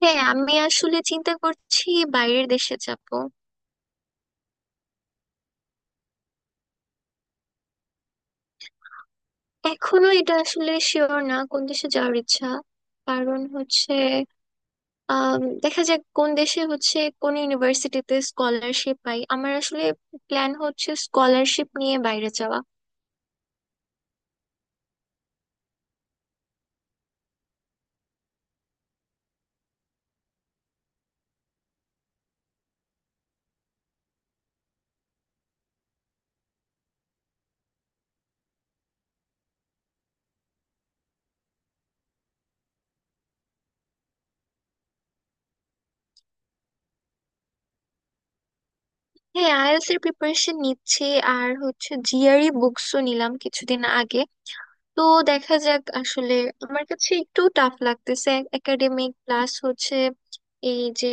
হ্যাঁ আমি আসলে চিন্তা করছি বাইরের দেশে যাব। এখনো এটা আসলে শিওর না কোন দেশে যাওয়ার ইচ্ছা, কারণ হচ্ছে দেখা যাক কোন দেশে হচ্ছে কোন ইউনিভার্সিটিতে স্কলারশিপ পাই। আমার আসলে প্ল্যান হচ্ছে স্কলারশিপ নিয়ে বাইরে যাওয়া। হ্যাঁ আইএলটিএস এর প্রিপারেশন নিচ্ছি, আর হচ্ছে জিআরই বুকসও নিলাম কিছুদিন আগে। তো দেখা যাক আসলে, আমার কাছে একটু টাফ লাগতেছে। একাডেমিক প্লাস হচ্ছে এই যে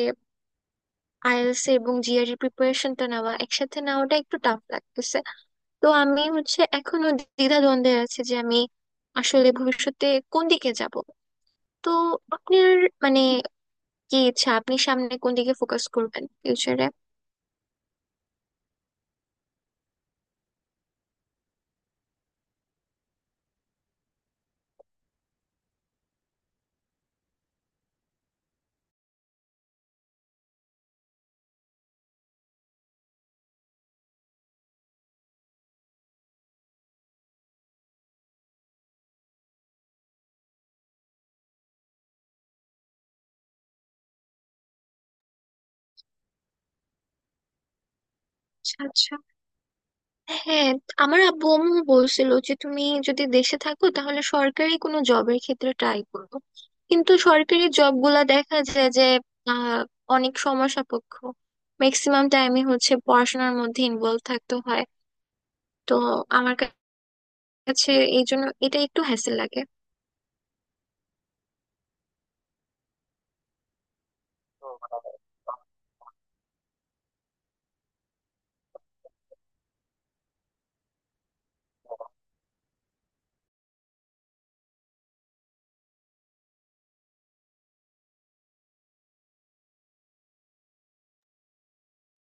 আইএলটিএস এবং জিআরই প্রিপারেশনটা নেওয়া, একসাথে নেওয়াটা একটু টাফ লাগতেছে। তো আমি হচ্ছে এখনো দ্বিধাদ্বন্দ্বে আছি যে আমি আসলে ভবিষ্যতে কোন দিকে যাব। তো আপনার মানে কি ইচ্ছা, আপনি সামনে কোন দিকে ফোকাস করবেন ফিউচারে? আচ্ছা আচ্ছা। হ্যাঁ, আমার আব্বু আম্মু বলছিল যে তুমি যদি দেশে থাকো তাহলে সরকারি কোনো জবের ক্ষেত্রে ট্রাই করো। কিন্তু সরকারি জব গুলা দেখা যায় যে আহ অনেক সময় সাপেক্ষ, ম্যাক্সিমাম টাইমই হচ্ছে পড়াশোনার মধ্যে ইনভলভ থাকতে হয়। তো আমার কাছে এই জন্য এটা একটু হ্যাসেল লাগে।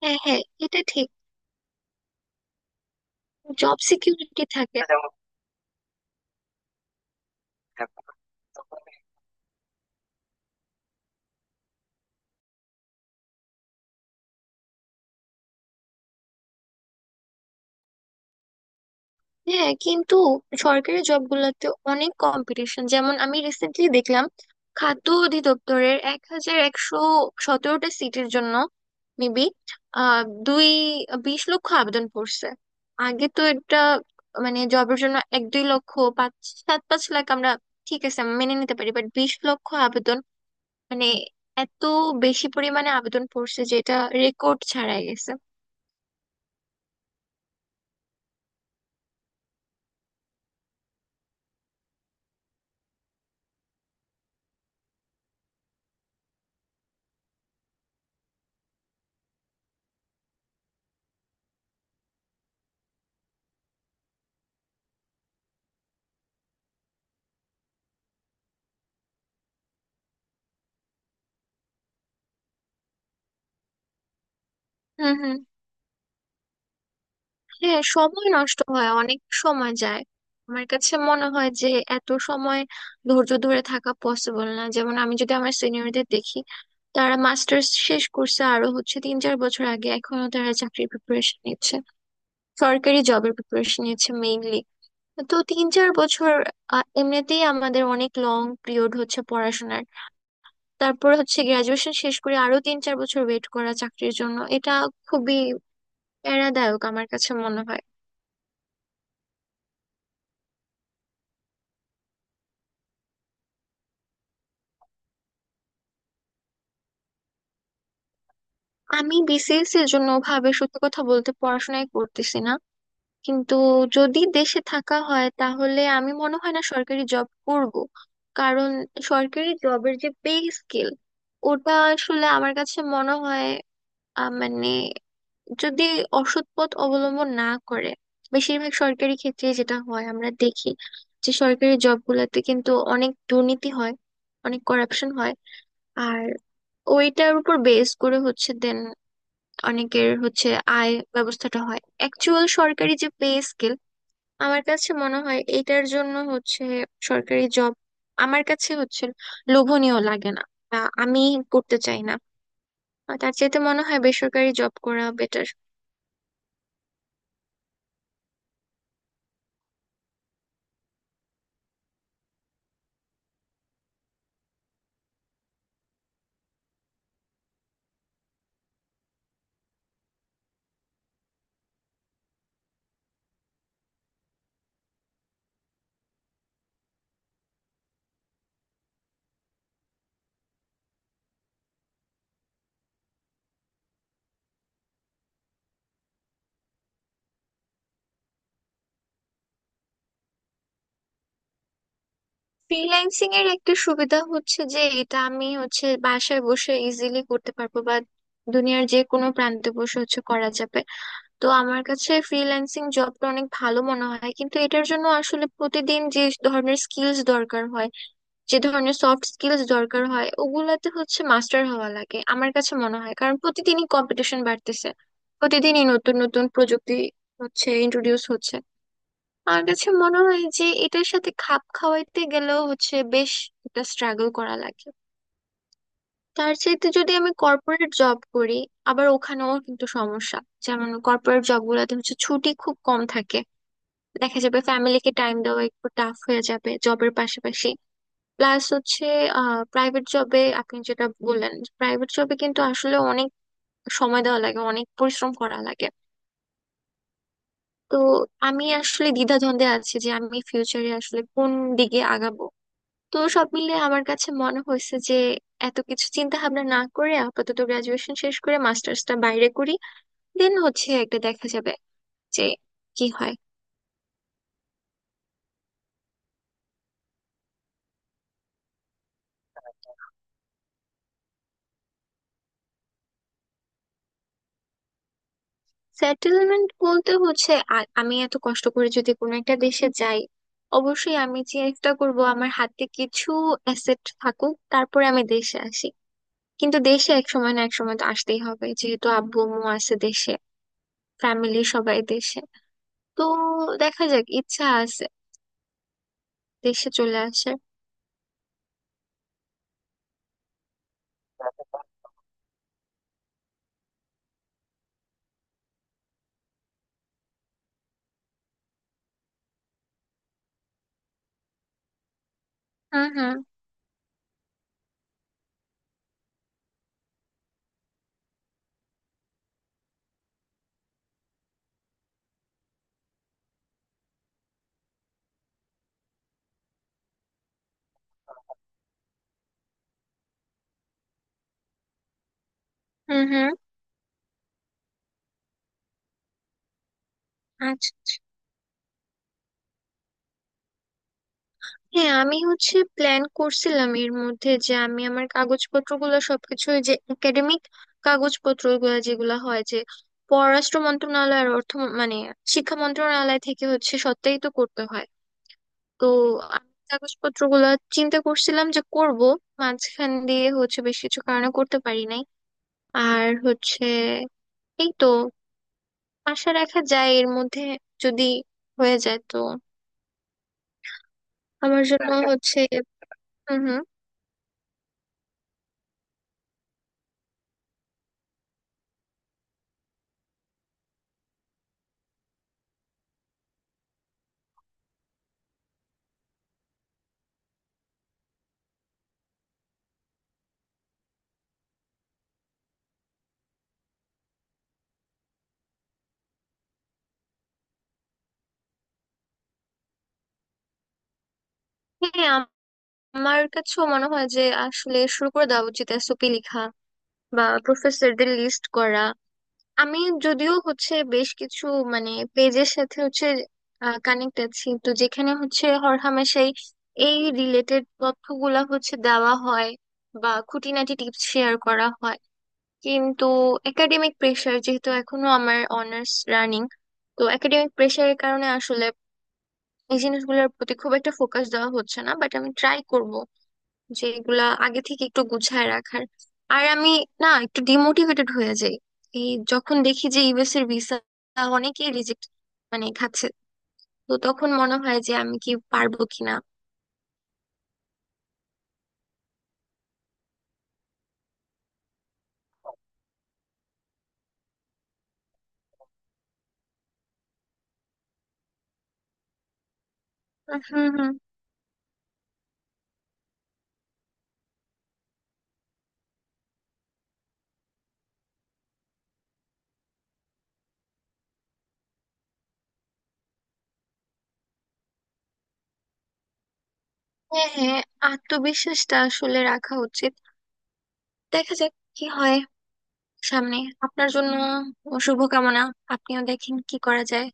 হ্যাঁ হ্যাঁ এটা ঠিক, জব সিকিউরিটি থাকে। হ্যাঁ কিন্তু সরকারি জবগুলোতে অনেক কম্পিটিশন, যেমন আমি রিসেন্টলি দেখলাম খাদ্য অধিদপ্তরের 1117টা সিটের জন্য মেবি আহ দুই 20 লক্ষ আবেদন পড়ছে। আগে তো এটা মানে জবের জন্য 1-2 লক্ষ, 5, 7, 5 লাখ আমরা ঠিক আছে মেনে নিতে পারি, বাট 20 লক্ষ আবেদন, মানে এত বেশি পরিমাণে আবেদন পড়ছে যেটা রেকর্ড ছাড়াই গেছে। হুম হুম। হ্যাঁ সময় নষ্ট হয়, অনেক সময় যায়। আমার কাছে মনে হয় যে এত সময় ধৈর্য ধরে থাকা পসিবল না। যেমন আমি যদি আমার সিনিয়রদের দেখি, তারা মাস্টার্স শেষ করছে আরো হচ্ছে 3-4 বছর আগে, এখনো তারা চাকরির প্রিপারেশন নিচ্ছে, সরকারি জবের প্রিপারেশন নিচ্ছে মেইনলি। তো 3-4 বছর, এমনিতেই আমাদের অনেক লং পিরিয়ড হচ্ছে পড়াশোনার, তারপর হচ্ছে গ্রাজুয়েশন শেষ করে আরো 3-4 বছর ওয়েট করা চাকরির জন্য, এটা খুবই প্যারাদায়ক আমার কাছে মনে হয়। আমি বিসিএস এর জন্য ভাবে সত্যি কথা বলতে পড়াশোনাই করতেছি না, কিন্তু যদি দেশে থাকা হয় তাহলে আমি মনে হয় না সরকারি জব করব। কারণ সরকারি জবের যে পে স্কেল, ওটা আসলে আমার কাছে মনে হয় মানে, যদি অসৎ পথ অবলম্বন না করে, বেশিরভাগ সরকারি ক্ষেত্রে যেটা হয় আমরা দেখি যে সরকারি জবগুলোতে কিন্তু অনেক দুর্নীতি হয়, অনেক করাপশন হয়, আর ওইটার উপর বেস করে হচ্ছে দেন অনেকের হচ্ছে আয় ব্যবস্থাটা হয়। অ্যাকচুয়াল সরকারি যে পে স্কেল, আমার কাছে মনে হয় এটার জন্য হচ্ছে সরকারি জব আমার কাছে হচ্ছে লোভনীয় লাগে না, বা আমি করতে চাই না। আর তার চাইতে মনে হয় বেসরকারি জব করা বেটার। ফ্রিল্যান্সিং এর একটা সুবিধা হচ্ছে যে এটা আমি হচ্ছে বাসায় বসে ইজিলি করতে পারবো, বা দুনিয়ার যে কোনো প্রান্তে বসে হচ্ছে করা যাবে। তো আমার কাছে ফ্রিল্যান্সিং জবটা অনেক ভালো মনে হয়, কিন্তু এটার জন্য আসলে প্রতিদিন যে ধরনের স্কিলস দরকার হয়, যে ধরনের সফট স্কিলস দরকার হয়, ওগুলাতে হচ্ছে মাস্টার হওয়া লাগে আমার কাছে মনে হয়। কারণ প্রতিদিনই কম্পিটিশন বাড়তেছে, প্রতিদিনই নতুন নতুন প্রযুক্তি হচ্ছে ইন্ট্রোডিউস হচ্ছে। আমার কাছে মনে হয় যে এটার সাথে খাপ খাওয়াইতে গেলেও হচ্ছে বেশ একটা স্ট্রাগল করা লাগে। তার চাইতে যদি আমি কর্পোরেট জব করি, আবার ওখানেও কিন্তু সমস্যা। যেমন কর্পোরেট জব গুলাতে হচ্ছে ছুটি খুব কম থাকে, দেখা যাবে ফ্যামিলিকে টাইম দেওয়া একটু টাফ হয়ে যাবে জবের পাশাপাশি। প্লাস হচ্ছে প্রাইভেট জবে, আপনি যেটা বললেন, প্রাইভেট জবে কিন্তু আসলে অনেক সময় দেওয়া লাগে, অনেক পরিশ্রম করা লাগে। তো আমি আসলে দ্বিধাদ্বন্দ্বে আছি যে আমি ফিউচারে আসলে কোন দিকে আগাবো। তো সব মিলে আমার কাছে মনে হয়েছে যে এত কিছু চিন্তা ভাবনা না করে আপাতত গ্রাজুয়েশন শেষ করে মাস্টার্সটা বাইরে করি, দেন হচ্ছে একটা দেখা যাবে যে কি হয়। সেটেলমেন্ট বলতে হচ্ছে, আমি এত কষ্ট করে যদি কোনো একটা দেশে যাই, অবশ্যই আমি চেষ্টা করব আমার হাতে কিছু অ্যাসেট থাকুক তারপরে আমি দেশে আসি। কিন্তু দেশে এক সময় না এক সময় তো আসতেই হবে, যেহেতু আব্বু আম্মু আছে দেশে, ফ্যামিলি সবাই দেশে। তো দেখা যাক, ইচ্ছা আছে দেশে চলে আসার। হুম হুম। হুম হুম। আচ্ছা আচ্ছা। হ্যাঁ আমি হচ্ছে প্ল্যান করছিলাম এর মধ্যে যে আমি আমার কাগজপত্রগুলো সবকিছু, ওই যে একাডেমিক কাগজপত্রগুলো যেগুলো হয় যে পররাষ্ট্র মন্ত্রণালয় আর মানে শিক্ষা মন্ত্রণালয় থেকে হচ্ছে সত্যায়িত করতে হয়। তো আমি কাগজপত্রগুলো চিন্তা করছিলাম যে করব, মাঝখান দিয়ে হচ্ছে বেশ কিছু কারণে করতে পারি নাই। আর হচ্ছে এই তো, আশা রাখা যায় এর মধ্যে যদি হয়ে যায় তো আমার জন্য। আচ্ছা। হচ্ছে হুম হুম। হ্যাঁ আমার কাছেও মনে হয় যে আসলে শুরু করে দেওয়া উচিত এসওপি লেখা বা প্রফেসরদের লিস্ট করা। আমি যদিও হচ্ছে বেশ কিছু মানে পেজের সাথে হচ্ছে কানেক্ট আছি, তো যেখানে হচ্ছে হরহামেশাই এই রিলেটেড তথ্যগুলা হচ্ছে দেওয়া হয় বা খুঁটিনাটি টিপস শেয়ার করা হয়। কিন্তু একাডেমিক প্রেশার, যেহেতু এখনো আমার অনার্স রানিং, তো একাডেমিক প্রেশারের কারণে আসলে এই জিনিসগুলোর প্রতি খুব একটা ফোকাস দেওয়া হচ্ছে না, বাট আমি ট্রাই করব যেগুলা আগে থেকে একটু গুছায় রাখার। আর আমি না একটু ডিমোটিভেটেড হয়ে যাই এই যখন দেখি যে ইউএস এর ভিসা অনেকেই রিজেক্ট মানে খাচ্ছে, তো তখন মনে হয় যে আমি কি পারবো কিনা। হুম হুম। হ্যাঁ হ্যাঁ, আত্মবিশ্বাসটা আসলে রাখা উচিত। দেখা যাক কি হয় সামনে। আপনার জন্য শুভকামনা, আপনিও দেখেন কি করা যায়।